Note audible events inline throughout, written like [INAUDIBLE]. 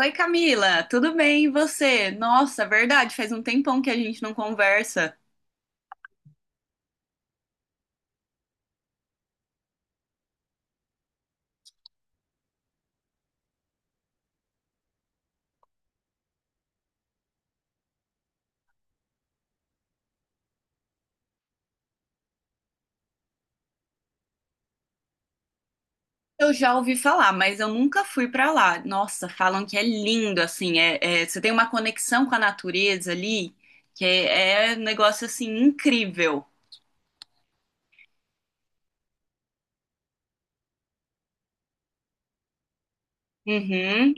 Oi Camila, tudo bem e você? Nossa, verdade, faz um tempão que a gente não conversa. Eu já ouvi falar, mas eu nunca fui pra lá. Nossa, falam que é lindo, assim, você tem uma conexão com a natureza ali, que é, é um negócio assim incrível. Uhum,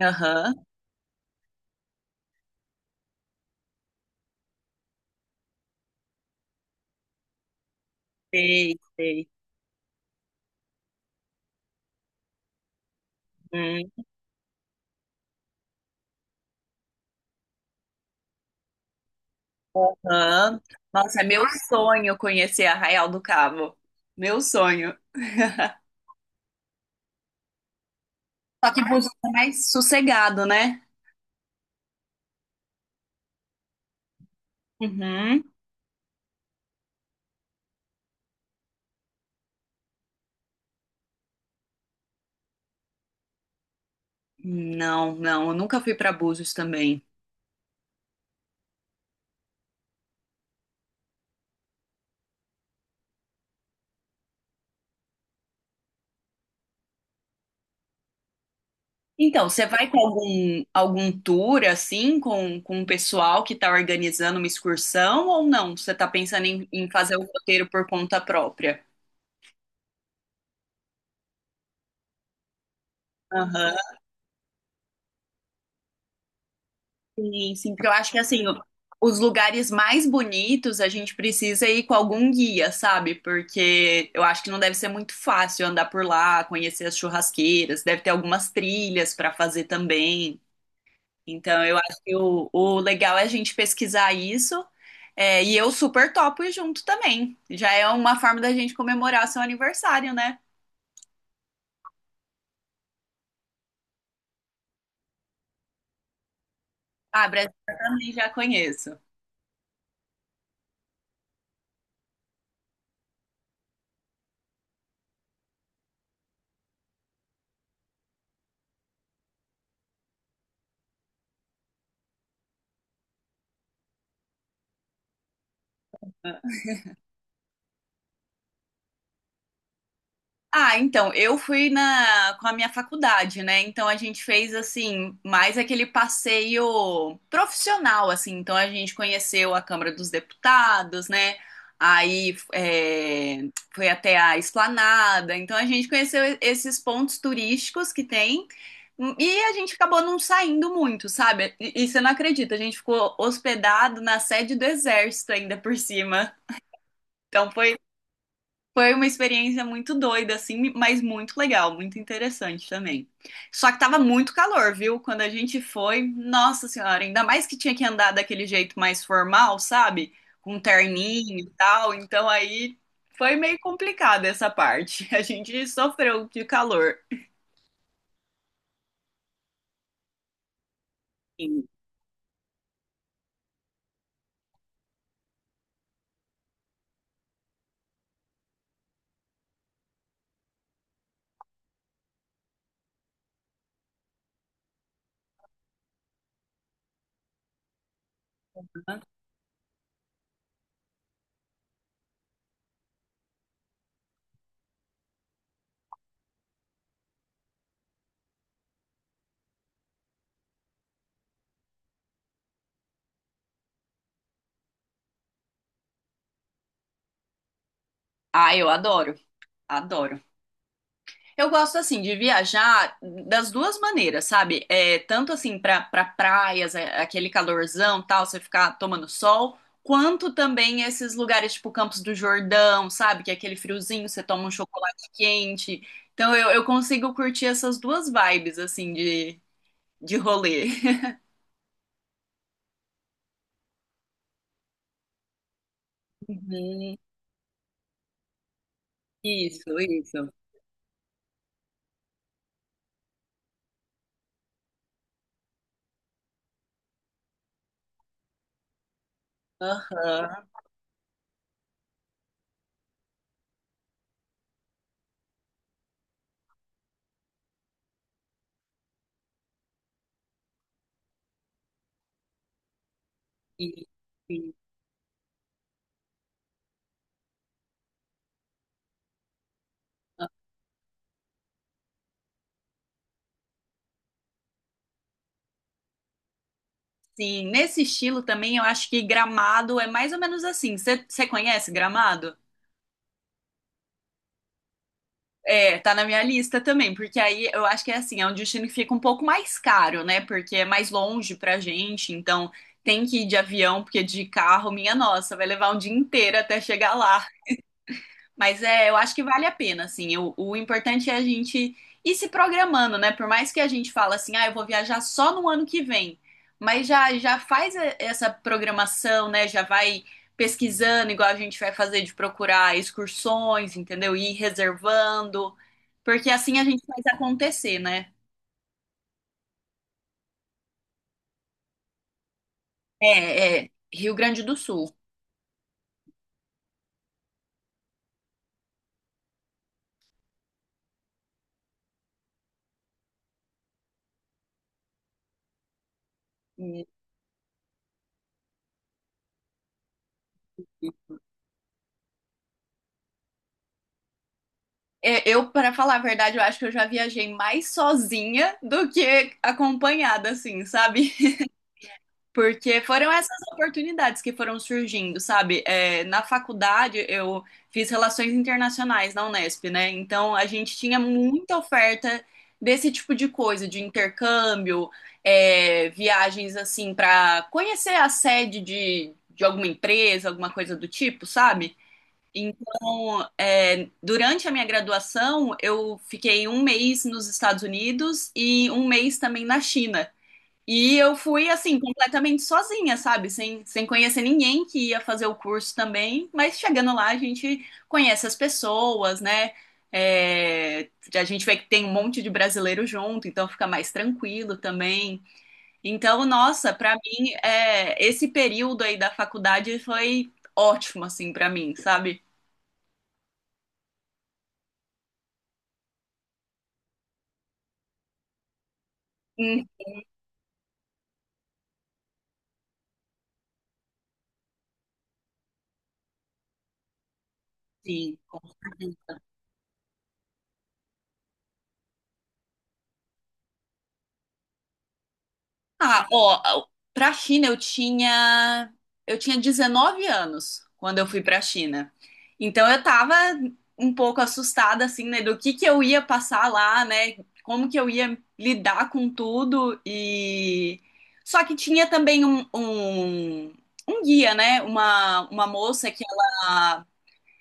aham, sei, sei. Uhum, aham. Nossa, é meu sonho conhecer Arraial do Cabo. Meu sonho. Só que busca mais sossegado, né? Uhum. Não, não, eu nunca fui para Búzios também. Então, você vai com algum tour assim, com o pessoal que está organizando uma excursão ou não? Você está pensando em fazer o roteiro por conta própria? Aham. Sim, sim, porque eu acho que assim, o- os lugares mais bonitos a gente precisa ir com algum guia, sabe? Porque eu acho que não deve ser muito fácil andar por lá, conhecer as churrasqueiras, deve ter algumas trilhas para fazer também. Então, eu acho que o legal é a gente pesquisar isso. É, e eu super topo ir junto também. Já é uma forma da gente comemorar o seu aniversário, né? Ah, Brasil também já conheço. Ah, então, eu fui na com a minha faculdade, né? Então a gente fez assim, mais aquele passeio profissional, assim. Então a gente conheceu a Câmara dos Deputados, né? Aí é, foi até a Esplanada. Então a gente conheceu esses pontos turísticos que tem. E a gente acabou não saindo muito, sabe? E você não acredita, a gente ficou hospedado na sede do Exército ainda por cima. Então foi uma experiência muito doida, assim, mas muito legal, muito interessante também. Só que tava muito calor, viu? Quando a gente foi, nossa senhora, ainda mais que tinha que andar daquele jeito mais formal, sabe? Com um terninho e tal. Então aí foi meio complicada essa parte. [LAUGHS] A gente sofreu de calor. Sim. Ah, eu adoro, adoro. Eu gosto assim de viajar das duas maneiras, sabe? É, tanto assim pra para praias, é, aquele calorzão, tal, você ficar tomando sol, quanto também esses lugares tipo Campos do Jordão, sabe? Que é aquele friozinho, você toma um chocolate quente. Então eu consigo curtir essas duas vibes assim de rolê. Uhum. Isso, isso. Aham. Isso, isso. Sim, nesse estilo também eu acho que Gramado é mais ou menos assim. Você conhece Gramado? É, tá na minha lista também, porque aí eu acho que é assim, é um destino que fica um pouco mais caro, né? Porque é mais longe pra gente, então tem que ir de avião, porque de carro, minha nossa, vai levar um dia inteiro até chegar lá. Mas é, eu acho que vale a pena, assim. O importante é a gente ir se programando, né? Por mais que a gente fala assim, ah, eu vou viajar só no ano que vem. Mas já faz e- essa programação, né? Já vai pesquisando, igual a gente vai fazer de procurar excursões, entendeu? Ir reservando. Porque assim a gente faz acontecer, né? É, é Rio Grande do Sul. E- é, eu, para falar a verdade, eu acho que eu já viajei mais sozinha do que acompanhada, assim, sabe? Porque foram essas oportunidades que foram surgindo, sabe? É, na faculdade eu fiz relações internacionais na Unesp, né? Então a gente tinha muita oferta desse tipo de coisa, de intercâmbio, é, viagens assim para conhecer a sede de alguma empresa, alguma coisa do tipo, sabe? Então, é, durante a minha graduação, eu fiquei um mês nos Estados Unidos e um mês também na China. E eu fui assim, completamente sozinha, sabe? Sem conhecer ninguém que ia fazer o curso também. Mas chegando lá, a gente conhece as pessoas, né? É, a gente vê que tem um monte de brasileiro junto, então fica mais tranquilo também. Então, nossa, pra mim, é, esse período aí da faculdade foi ótimo, assim, pra mim, sabe? Hum, Sim, ah, ó, pra China eu tinha 19 anos quando eu fui pra China. Então eu tava um pouco assustada assim, né, do que eu ia passar lá, né? Como que eu ia lidar com tudo e só que tinha também um guia, né? Uma moça que ela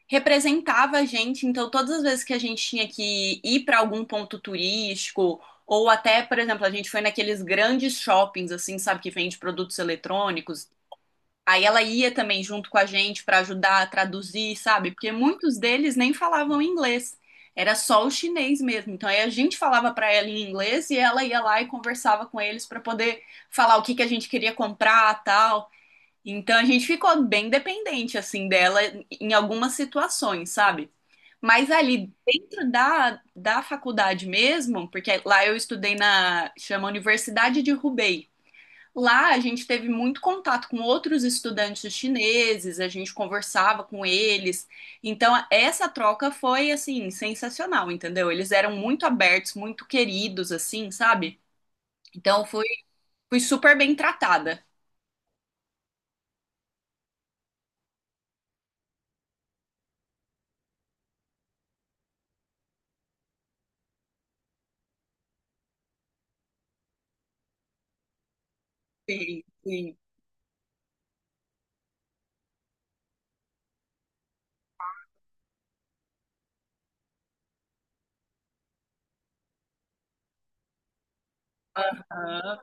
representava a gente, então todas as vezes que a gente tinha que ir para algum ponto turístico, ou até, por exemplo, a gente foi naqueles grandes shoppings, assim, sabe, que vende produtos eletrônicos. Aí ela ia também junto com a gente para ajudar a traduzir, sabe? Porque muitos deles nem falavam inglês. Era só o chinês mesmo. Então aí a gente falava para ela em inglês e ela ia lá e conversava com eles para poder falar o que que a gente queria comprar, tal. Então a gente ficou bem dependente assim dela em algumas situações, sabe? Mas ali dentro da faculdade mesmo, porque lá eu estudei na chama Universidade de Hubei. Lá a gente teve muito contato com outros estudantes chineses, a gente conversava com eles. Então essa troca foi assim sensacional, entendeu? Eles eram muito abertos, muito queridos assim, sabe? Então fui super bem tratada. Sim, sim. Aham.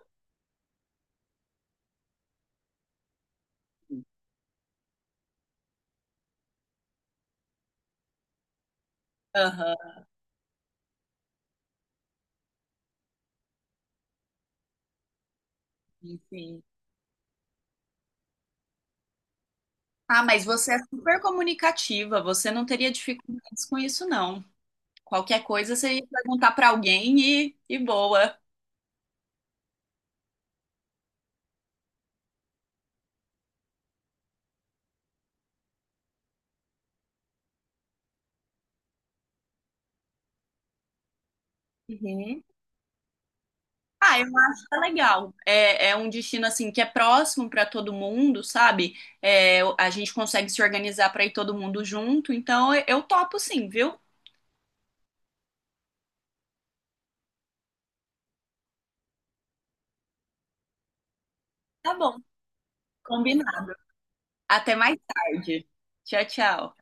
Aham, enfim. Ah, mas você é super comunicativa, você não teria dificuldades com isso, não. Qualquer coisa você ia perguntar pra alguém e boa. Uhum. Ah, eu acho que é legal. É, é um destino assim que é próximo para todo mundo, sabe? É, a gente consegue se organizar para ir todo mundo junto, então eu topo sim, viu? Tá bom, combinado. Até mais tarde. Tchau, tchau.